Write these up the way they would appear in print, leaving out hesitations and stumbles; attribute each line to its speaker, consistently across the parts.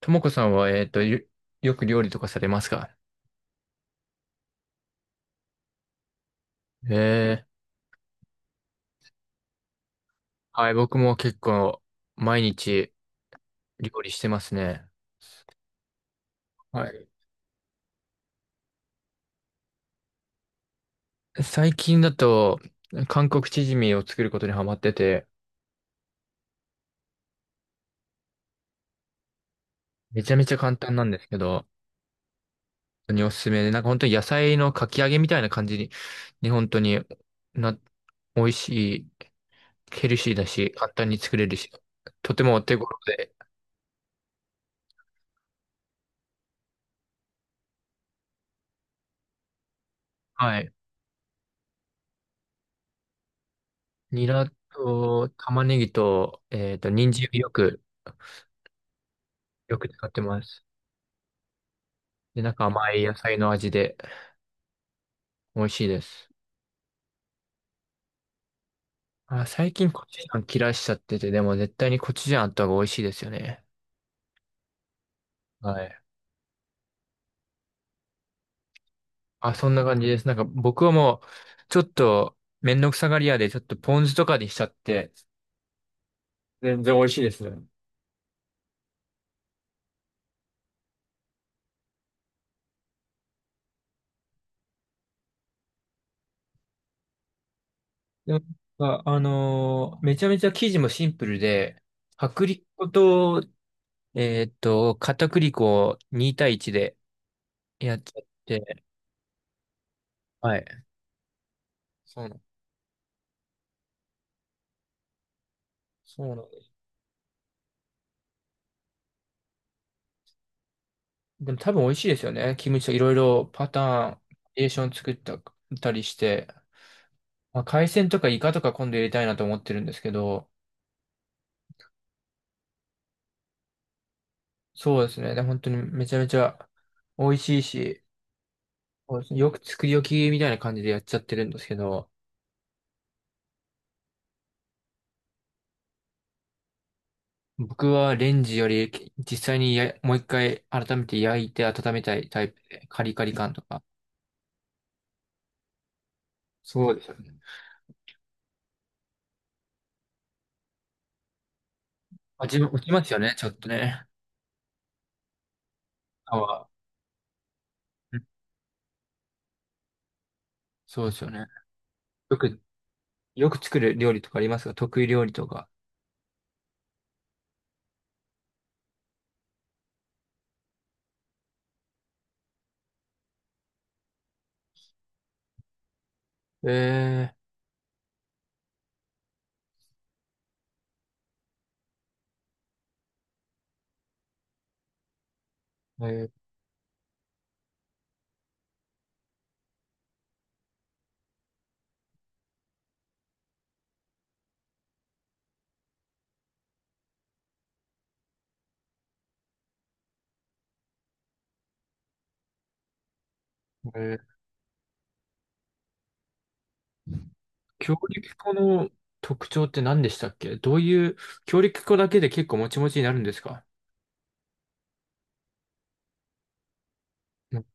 Speaker 1: ともこさんは、よく料理とかされますか？ええ。はい、僕も結構毎日料理してますね。はい。最近だと、韓国チヂミを作ることにハマってて、めちゃめちゃ簡単なんですけど、本当におすすめで、なんか本当に野菜のかき揚げみたいな感じに本当にな、美味しい、ヘルシーだし、簡単に作れるし、とてもお手頃で、はい。ニラと玉ねぎと、人参をよく使ってます。で、なんか甘い野菜の味で美味しいです。あ、最近コチュジャン切らしちゃってて、でも絶対にコチュジャンあった方が美味しいですよね。はい。あ、そんな感じです。なんか僕はもう、ちょっとめんどくさがり屋で、ちょっとポン酢とかにしちゃって、全然美味しいですね。でも、めちゃめちゃ生地もシンプルで、薄力粉と、片栗粉を2対1でやっちゃって、はい。そうなん。そうなん。でも多分美味しいですよね。キムチといろいろパターン、バリエーション作ったたりして。まあ、海鮮とかイカとか今度入れたいなと思ってるんですけど、そうですね。で本当にめちゃめちゃ美味しいし、そうですね、よく作り置きみたいな感じでやっちゃってるんですけど、僕はレンジより実際にもう一回改めて焼いて温めたいタイプで、カリカリ感とか。そうですよね。味も落ちますよね、ちょっとね。皮は、うん、そうですよね。よく、よく作る料理とかありますか？得意料理とか。えー、えー、えー強力粉の特徴って何でしたっけ？どういう、強力粉だけで結構もちもちになるんですか？うん。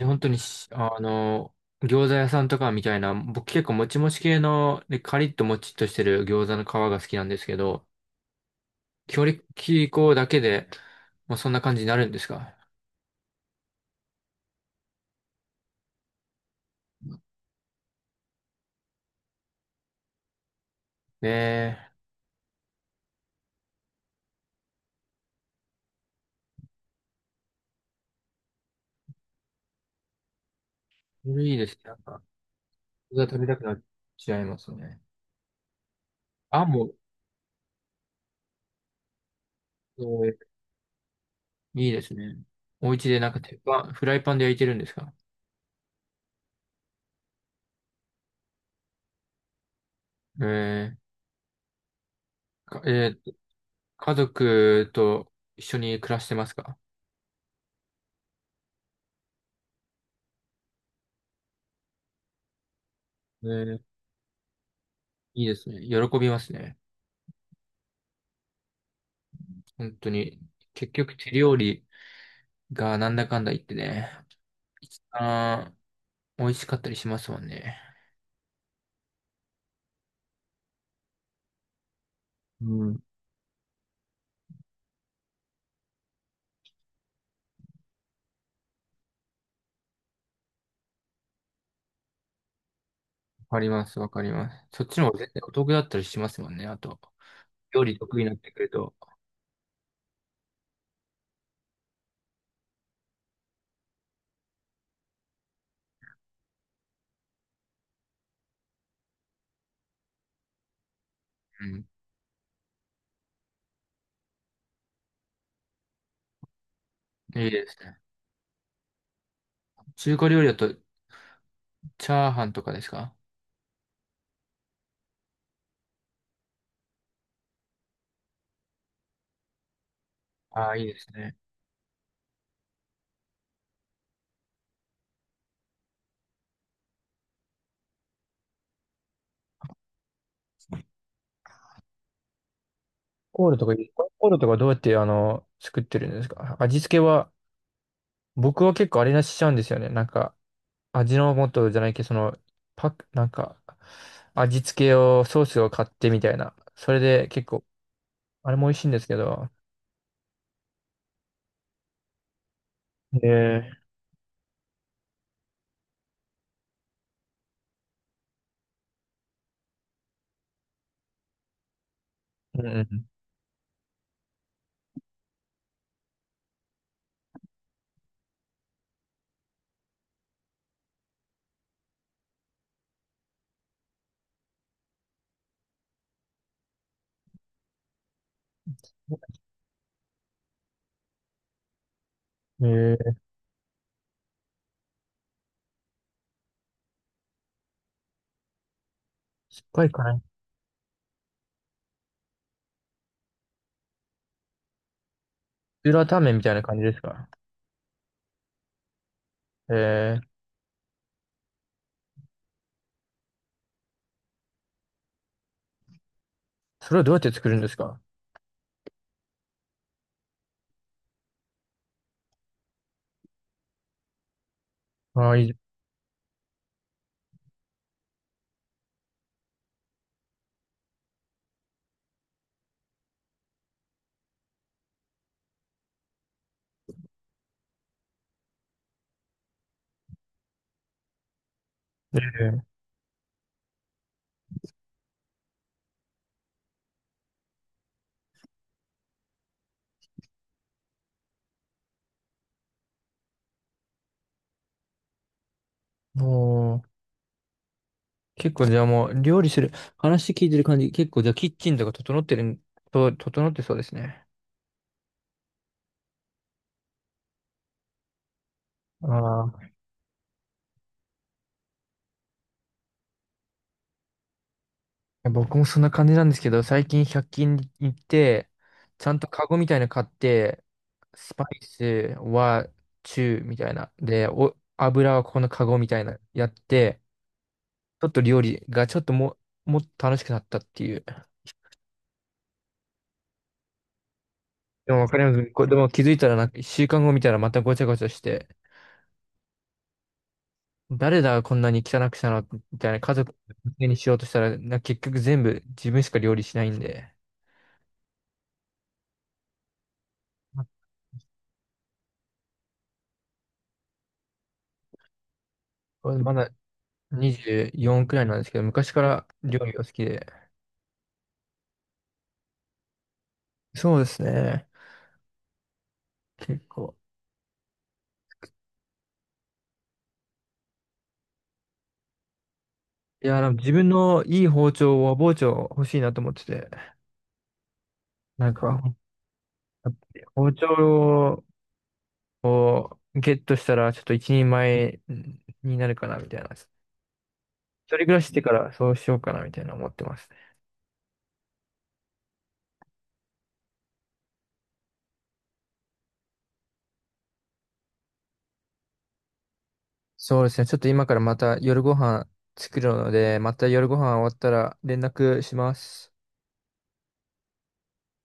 Speaker 1: 本当に餃子屋さんとかみたいな、僕結構もちもち系の、で、カリッともちっとしてる餃子の皮が好きなんですけど、強力粉だけで、もうそんな感じになるんですか？えー、それいいですね。なんか、餃子食べたくなっちゃいますね。あ、もう、えー、いいですね。お家でなんか鉄板、フライパンで焼いてるんですか？えー、家族と一緒に暮らしてますか？えー、いいですね。喜びますね。本当に。結局手料理がなんだかんだ言ってね、一番美味しかったりしますもんね。うん。わかります、わかります。そっちの方が絶対お得だったりしますもんね。あと、料理得意になってくると。うん。いいですね。中華料理だと、チャーハンとかですか？ああー、いいですね。コールとか、コールとかどうやって、作ってるんですか？味付けは？僕は結構あれなしちゃうんですよね。なんか、味の素じゃないけど、パック、なんか、味付けを、ソースを買ってみたいな。それで結構、あれも美味しいんですけど。ええ。うんうん。酸っぱいかな。ピューラータンメンみたいな感じですか。ええ、それはどうやって作るんですか？ああ、いいですね。もう、結構じゃあもう、料理する、話聞いてる感じ、結構じゃあキッチンとか整ってるん、整ってそうですね。ああ。僕もそんな感じなんですけど、最近100均に行って、ちゃんとカゴみたいなの買って、スパイスは中みたいな。で、油はここのカゴみたいなやって、ちょっと料理がちょっともっと楽しくなったっていう。でもわかります。これでも気づいたらなんか週間後見たらまたごちゃごちゃして、誰だこんなに汚くしたのみたいな家族にしようとしたら、結局全部自分しか料理しないんで、まだ24くらいなんですけど、昔から料理が好きで。そうですね。結構。いや、でも自分のいい包丁、和包丁欲しいなと思ってて。なんか、包丁をゲットしたら、ちょっと一人前になるかな、みたいな。一人暮らししてからそうしようかな、みたいな思ってますね。そうですね。ちょっと今からまた夜ご飯作るので、また夜ご飯終わったら連絡します。